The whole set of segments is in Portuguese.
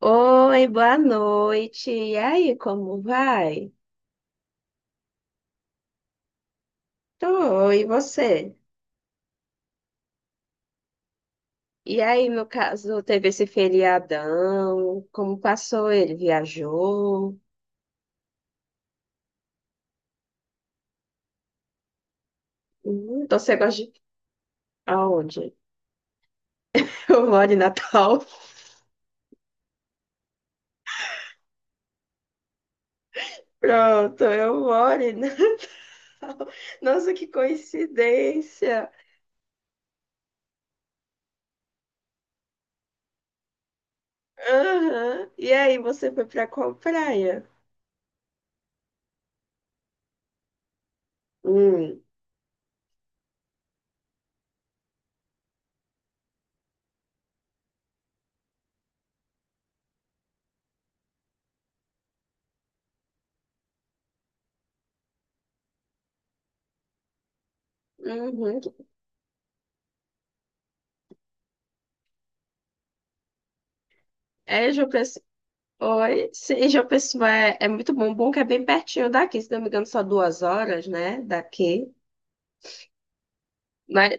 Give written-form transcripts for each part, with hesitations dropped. Oi, boa noite. E aí, como vai? Tô, e você? E aí, no caso, teve esse feriadão? Como passou ele? Viajou? Então você gosta de... Aonde? Eu moro em Natal. Pronto, eu moro em Natal. Nossa, que coincidência. Aham. E aí, você foi pra qual praia? Hum. Uhum. É, Ju, oi, sim, João Pessoa é muito bom. Bom que é bem pertinho daqui, se não me engano, só 2 horas, né? Daqui. Mas,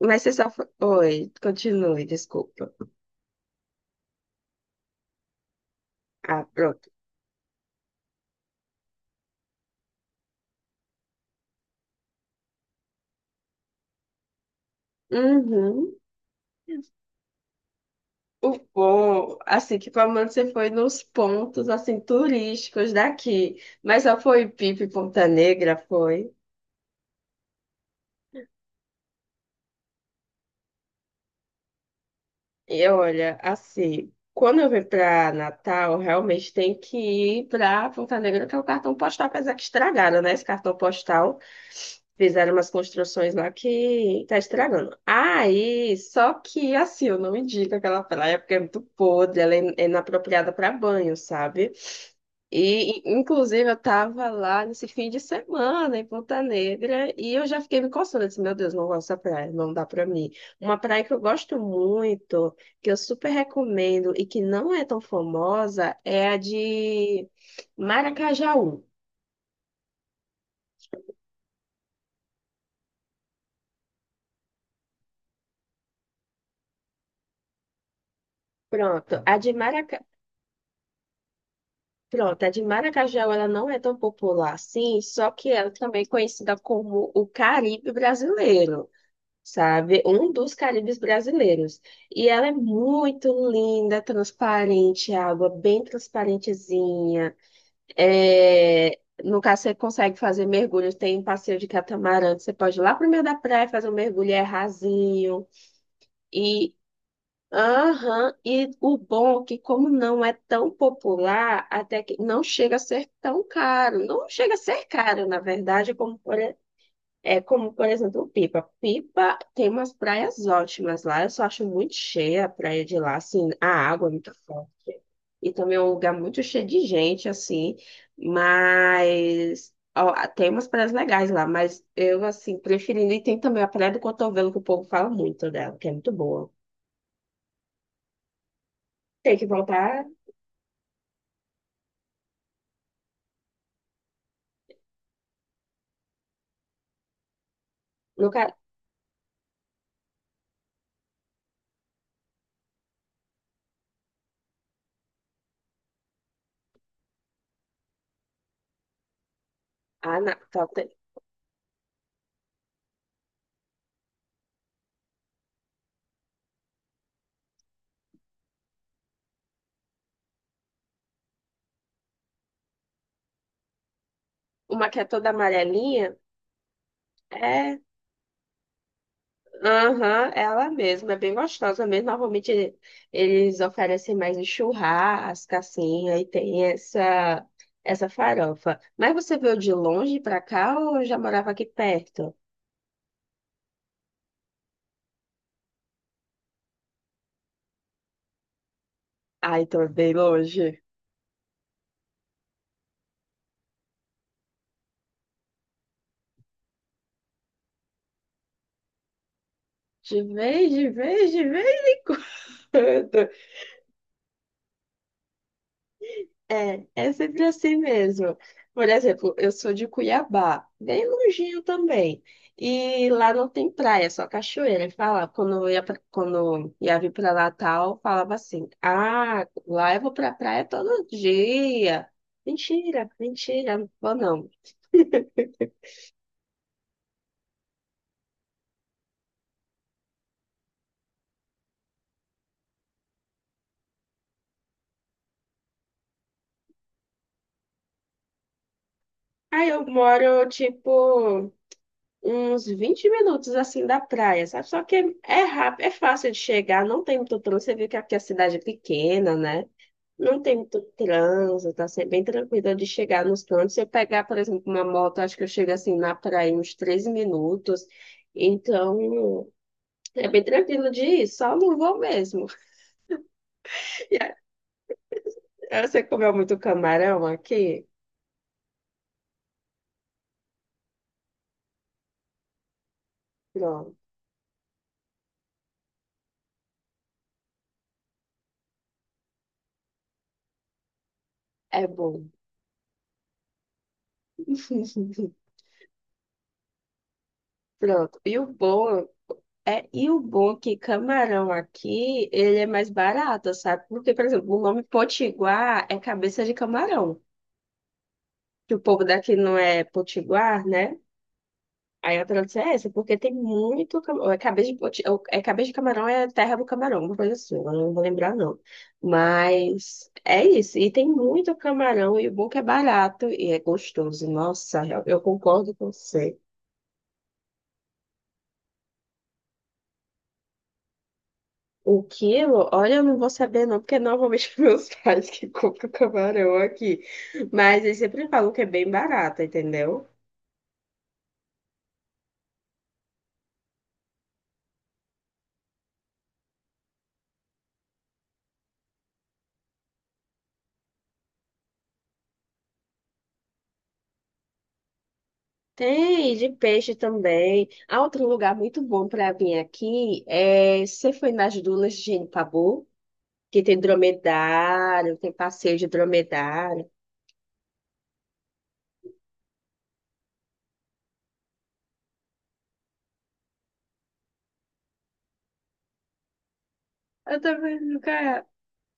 mas você só. Foi- Oi, continue, desculpa. Ah, pronto. Uhum. O bom, assim, que pelo menos você foi nos pontos, assim, turísticos daqui. Mas só foi Pipa e Ponta Negra, foi? E olha, assim, quando eu vim para Natal, realmente tem que ir para Ponta Negra, que é o cartão postal, apesar que estragaram, né? Esse cartão postal. Fizeram umas construções lá que tá estragando. Aí, só que assim, eu não indico aquela praia porque é muito podre, ela é inapropriada para banho, sabe? E, inclusive, eu tava lá nesse fim de semana em Ponta Negra e eu já fiquei me coçando. Eu disse, meu Deus, não gosto dessa praia, não dá pra mim. Uma praia que eu gosto muito que eu super recomendo e que não é tão famosa é a de Maracajaú. Pronto, a de Maraca... Pronto, a de Maracajaú ela não é tão popular assim, só que ela também é conhecida como o Caribe brasileiro. Sabe? Um dos Caribes brasileiros. E ela é muito linda, transparente, a água bem transparentezinha. É, no caso, você consegue fazer mergulhos. Tem um passeio de catamarã que você pode ir lá pro meio da praia fazer um mergulho, é rasinho. E, aham, e o bom é que, como não é tão popular, até que não chega a ser tão caro. Não chega a ser caro, na verdade, como por é como, por exemplo, Pipa. Pipa tem umas praias ótimas lá. Eu só acho muito cheia a praia de lá, assim, a água é muito forte. E também é um lugar muito cheio de gente, assim. Mas ó, tem umas praias legais lá, mas eu, assim, preferindo. E tem também a Praia do Cotovelo, que o povo fala muito dela, que é muito boa. Tem que voltar no... ca- Ah, na... tá, tem- Uma que é toda amarelinha. É aham, ela mesma, é bem gostosa mesmo. Normalmente eles oferecem mais em churrasco, assim, essa farofa. Mas você veio de longe pra cá ou já morava aqui perto? Ai, tô bem longe. De vez em quando. É, é sempre assim mesmo. Por exemplo, eu sou de Cuiabá, bem longinho também. E lá não tem praia, só cachoeira. E fala, quando eu ia, pra- quando eu ia vir para Natal, falava assim: Ah, lá eu vou pra praia todo dia. Mentira, mentira, não vou não. Aí eu moro, tipo, uns 20 minutos assim da praia, sabe? Só que é rápido, é fácil de chegar, não tem muito trânsito. Você vê que aqui a cidade é pequena, né? Não tem muito trânsito, tá sempre bem tranquilo de chegar nos cantos. Se eu pegar, por exemplo, uma moto, acho que eu chego assim na praia em uns 13 minutos. Então, é bem tranquilo de ir, só não vou mesmo. E aí, você comeu muito camarão aqui? Pronto, é bom. Pronto. E o bom é que camarão aqui, ele é mais barato, sabe? Porque, por exemplo, o nome potiguar é cabeça de camarão. Que o povo daqui não é potiguar, né? Aí a tradução é essa, porque tem muito camarão. É cabeça de, poti- ou é cabeça de camarão, é terra do camarão, uma coisa assim, agora eu não vou lembrar não. Mas é isso, e tem muito camarão, e o bom é que é barato e é gostoso. Nossa, eu concordo com você. O quilo, olha, eu não vou saber não, porque normalmente meus pais que compram camarão aqui. Mas eles sempre falam que é bem barato, entendeu? Tem de peixe também. Há outro lugar muito bom para vir aqui é você foi nas dunas de Pabu, que tem dromedário, tem passeio de dromedário. Eu também nunca,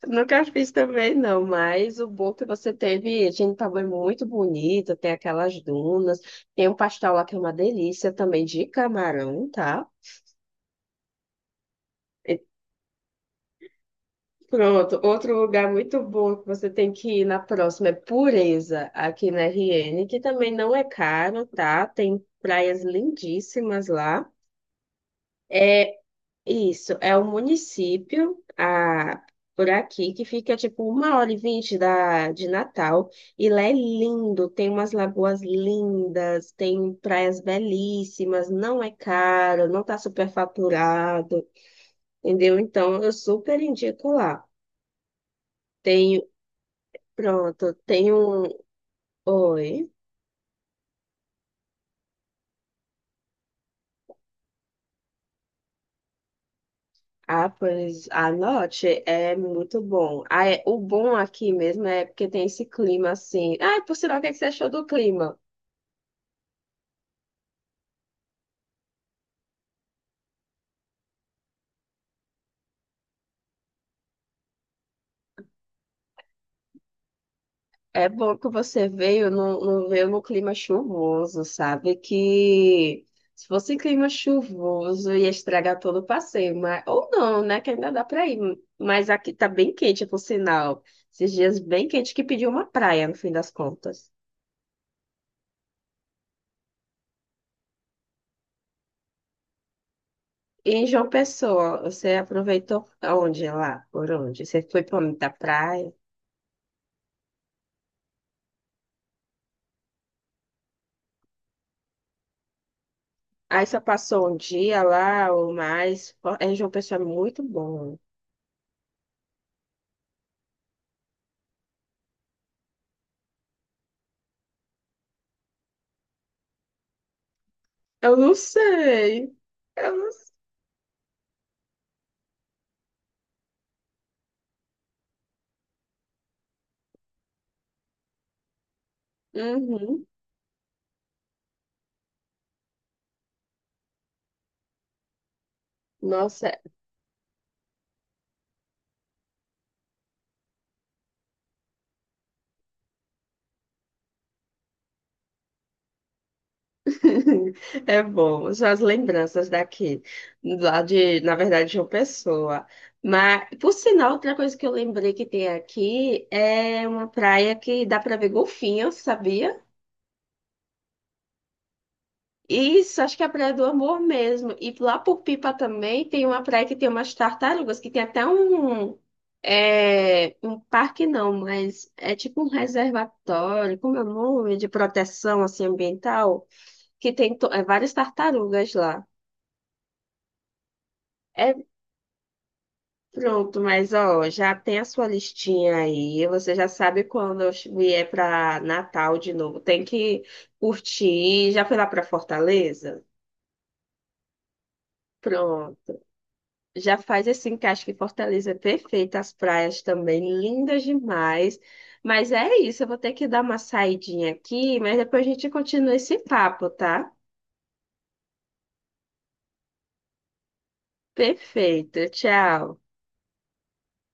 nunca fiz também não, mas o bom que você teve, Pabu é muito bonito, tem aquelas dunas, tem um pastel lá que é uma delícia também de camarão, tá? Pronto, outro lugar muito bom que você tem que ir na próxima é Pureza, aqui na RN, que também não é caro, tá? Tem praias lindíssimas lá. É isso, é um município ah, por aqui que fica tipo 1 hora e 20 da, de Natal, e lá é lindo, tem umas lagoas lindas, tem praias belíssimas, não é caro, não tá superfaturado, entendeu? Então eu super indico lá. Tem pronto, tem um. Oi. Ah, pois anote, é muito bom. Ah, é... O bom aqui mesmo é porque tem esse clima assim. Ah, por sinal, o que é que você achou do clima? É bom que você veio, não, não veio no clima chuvoso, sabe? Que se fosse clima chuvoso ia estragar todo o passeio, mas... ou não, né? Que ainda dá pra ir. Mas aqui tá bem quente, por sinal. Esses dias bem quente que pediu uma praia, no fim das contas. E em João Pessoa, você aproveitou onde lá? Por onde? Você foi para da praia? Aí só passou um dia lá ou mais? É, em João Pessoa é muito bom. Eu não sei. Eu não sei. Uhum. Nossa, é é bom. São as lembranças daqui, lá de, na verdade, de João Pessoa. Mas, por sinal, outra coisa que eu lembrei que tem aqui é uma praia que dá para ver golfinhos, sabia? Isso, acho que é a Praia do Amor mesmo. E lá por Pipa também tem uma praia que tem umas tartarugas, que tem até um, é, um parque não, mas é tipo um reservatório, como é o nome, de proteção assim, ambiental, que tem to- é, várias tartarugas lá. É pronto, mas ó, já tem a sua listinha aí. Você já sabe quando eu vier para Natal de novo. Tem que curtir. Já foi lá para Fortaleza? Pronto. Já faz esse encaixe que Fortaleza é perfeita, as praias também lindas demais. Mas é isso, eu vou ter que dar uma saidinha aqui, mas depois a gente continua esse papo, tá? Perfeito, tchau.